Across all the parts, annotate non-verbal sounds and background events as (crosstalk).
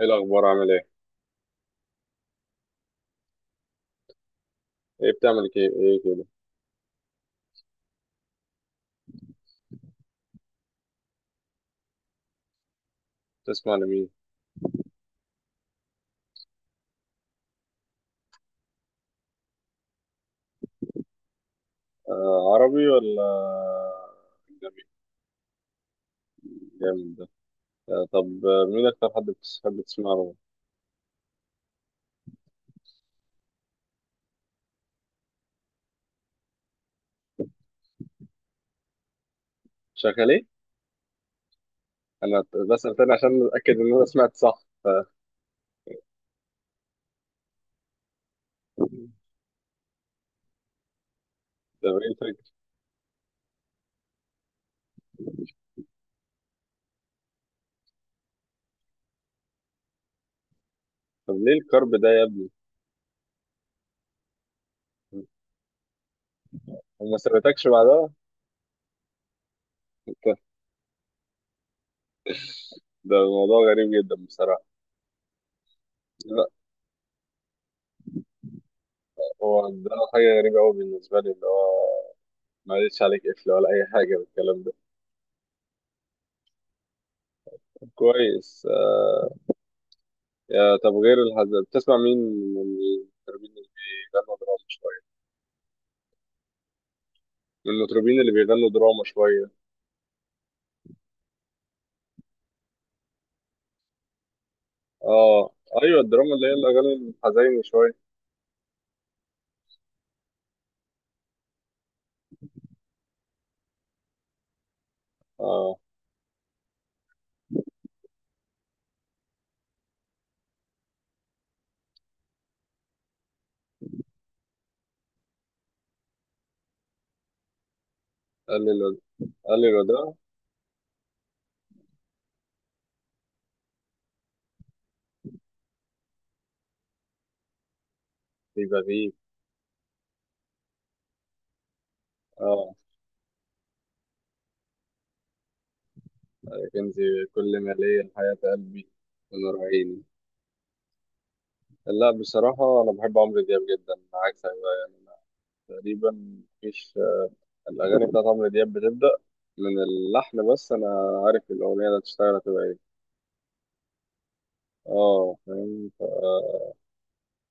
ايه الاخبار؟ عامل ايه؟ ايه بتعمل؟ ايه ايه كده؟ بتسمع لمين؟ آه، عربي ولا أجنبي؟ جامد ده. آه، طب مين اكتر حد بتحب تسمع له؟ شغال ايه؟ انا بسأل تاني عشان اتاكد ان انا سمعت صح (laughs) طب ايه الفكره؟ طب ليه الكرب ده يا ابني؟ وما سمعتكش بعدها؟ ده ده موضوع غريب جدا بصراحه. لا، هو ده حاجه غريبه قوي بالنسبه لي، اللي هو ما قالتش عليك قفل ولا اي حاجه بالكلام ده؟ كويس. يا طب، غير الهزل بتسمع مين من المطربين اللي بيغنوا دراما شوية؟ من المطربين اللي بيغنوا دراما شوية. اه، ايوه، الدراما اللي هي الاغاني الحزينة شوية. اه، قال لي الود- قال لي الوداع. في بغيب. اه، يا كنزي، كل ما ليا الحياة قلبي ونور عيني. لا، بصراحة أنا بحب عمرو دياب جدا، عكسك بقى، يعني أنا تقريبا مفيش، الأغاني بتاعت عمرو دياب بتبدأ من اللحن، بس أنا عارف الأغنية اللي هتشتغل هتبقى إيه. اه، فاهم.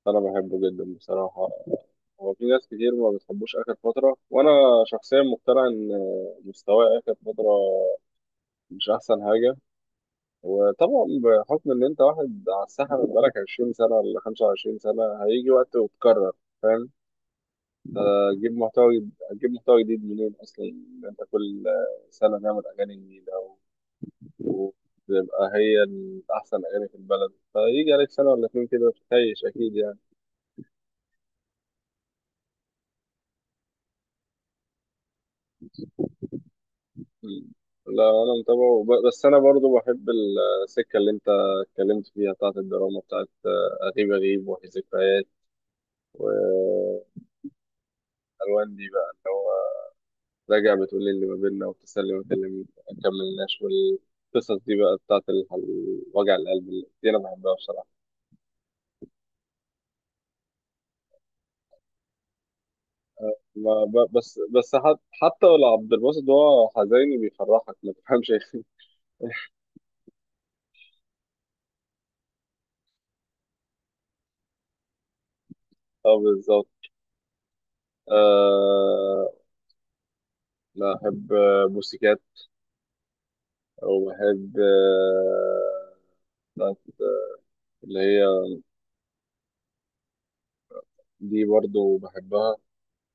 انا بحبه جدا بصراحه. هو في ناس كتير ما بتحبوش اخر فتره، وانا شخصيا مقتنع ان مستواه اخر فتره مش احسن حاجه. وطبعا بحكم ان انت واحد على الساحه بقالك 20 سنه ولا 25 سنه، هيجي وقت وتكرر، فاهم؟ هتجيب محتوى هتجيب محتوى جديد منين اصلا، إن انت كل سنه نعمل اغاني جديده وتبقى هي احسن اغاني في البلد، فيجي عليك سنه ولا اتنين كده تخيش، اكيد يعني. مم. لا، انا متابعه بس انا برضو بحب السكه اللي انت اتكلمت فيها بتاعت الدراما، بتاعت غريب، غريب، وفي ذكريات، والوان. دي بقى اللي هو راجع بتقول لي اللي ما بيننا، وبتسلم وتكلم ما كملناش، والقصص دي بقى بتاعت وجع القلب اللي دي انا بحبها بصراحه. ما ب... بس بس حت... حتى لو عبد الباسط هو حزيني بيفرحك ما تفهمش إيه. (laughs) اه، بالظبط. أه... لا، احب بوسيكات. وبحب بتاعت اللي هي. دي برضو بحبها.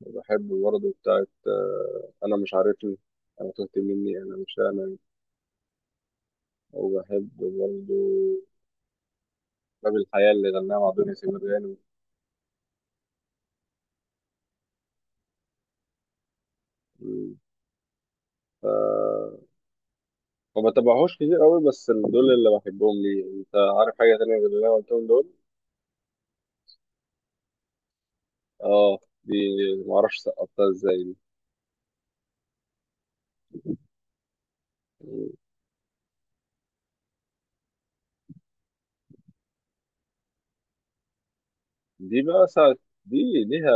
وبحب برضو بتاعت، أنا مش عارفني، أنا تهت مني، أنا مش أنا. وبحب برضو باب الحياة اللي غناها مع دنيا سمير غانم. ف... ما بتابعهوش كتير قوي، بس دول اللي بحبهم. ليه، انت عارف حاجة تانية غير اللي انا قلتهم دول؟ اه، دي ما اعرفش سقطتها ازاي دي. دي بقى ساعة، دي ليها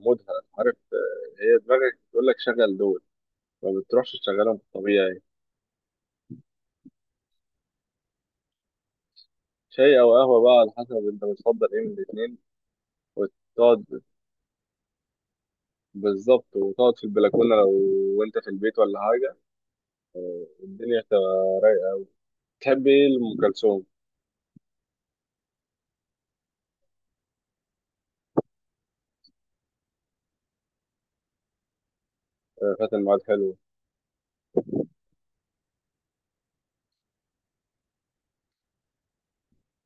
مودها، عارف؟ هي دماغك تقول لك شغل دول، ما بتروحش تشغلهم في الطبيعي. شاي او قهوه بقى على حسب انت بتفضل ايه من الاثنين، وتقعد. بالظبط، وتقعد في البلكونه، لو وانت في البيت ولا حاجه، الدنيا هتبقى رايقه. تحب ايه لام كلثوم؟ آه، فات الميعاد حلو.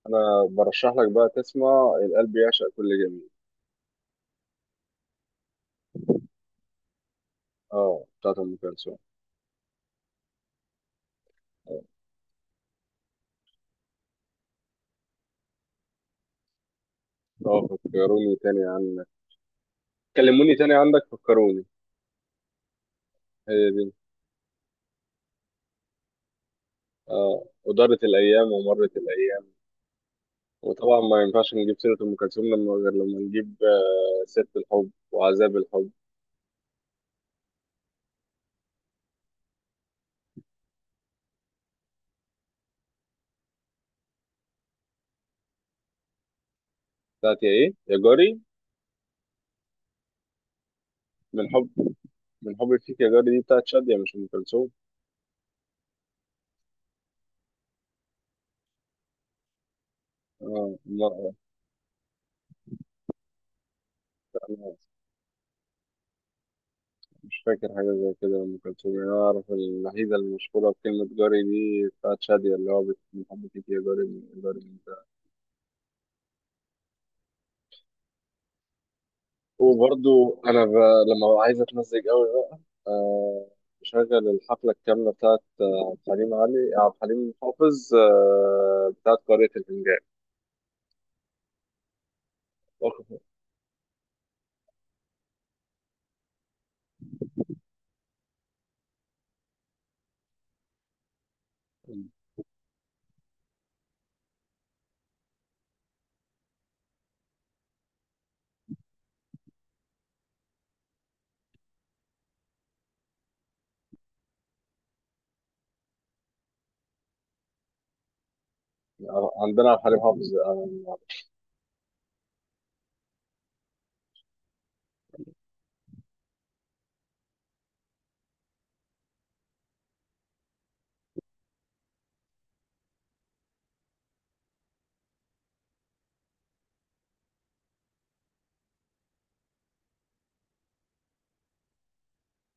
انا برشح لك بقى تسمع القلب يعشق كل جميل. اه، بتاعت ام كلثوم. اه، فكروني تاني عنك، كلموني تاني عنك، فكروني. هي دي. اه، ودارت الايام ومرت الايام. وطبعا ما ينفعش نجيب سيره ام كلثوم لما غير لما نجيب سيرة الحب وعذاب الحب. بتاعت يا ايه، يا جاري؟ من حب من حب فيك يا جاري، دي بتاعت شادية مش أم كلثوم. اه، لا. أنا مش فاكر حاجة زي كده لأم كلثوم. يعني أنا أعرف الوحيدة المشهورة بكلمة جاري دي بتاعت شادية، اللي هو من حب فيك يا جاري، من جاري من ده. وبرضو لما ببقى عايز أتمزج أوي بقى، آه بشغل الحفلة الكاملة بتاعت عبد الحليم، علي عبد الحليم حافظ، بتاعت قارئة الفنجان. عندنا عبد الحليم حافظ، آه.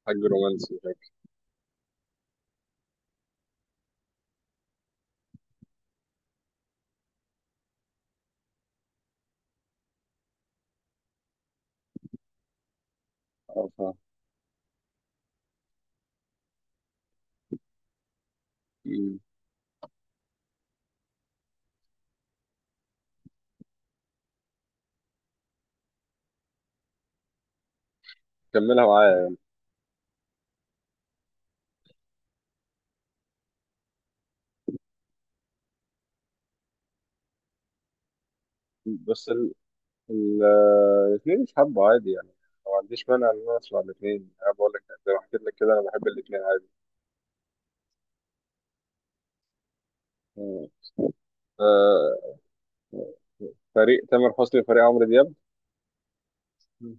حاج رومانسي شكله. اه، فاهم. مم. كملها معايا. بس ال- الاثنين مش حابه عادي يعني، ما عنديش مانع ان انا اسمع الاثنين. انا بقول لك زي ما حكيت لك كده، انا بحب الاثنين عادي. آه. آه. فريق تامر حسني وفريق عمرو دياب. مم.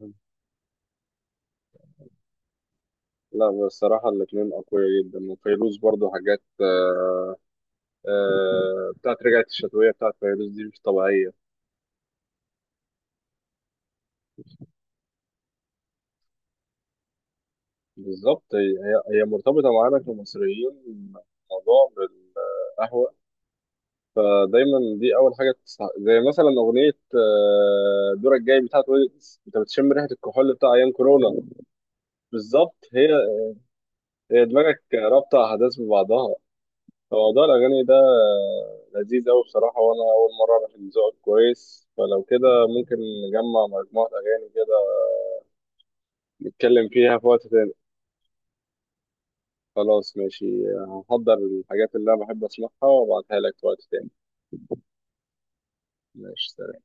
مم. لا، بصراحة الاتنين أقوياء جدا. وفيروز برضو حاجات، بتاعت رجعت الشتوية، بتاعت فيروز دي مش طبيعية. بالظبط، هي مرتبطة معانا كمصريين موضوع بالقهوة. دايما دي اول حاجه تسمع. زي مثلا اغنيه دورك جاي بتاعت ويجز، انت بتشم ريحه الكحول بتاع ايام كورونا. بالظبط. هي دماغك رابطه احداث ببعضها. فموضوع الاغاني ده لذيذ قوي بصراحه، وانا اول مره اعرف ان ذوقك كويس، فلو كده ممكن نجمع مجموعه اغاني كده، نتكلم فيها في وقت تاني. خلاص، ماشي. هحضر الحاجات اللي انا بحب اسمعها وابعتها لك في وقت تاني. ماشي.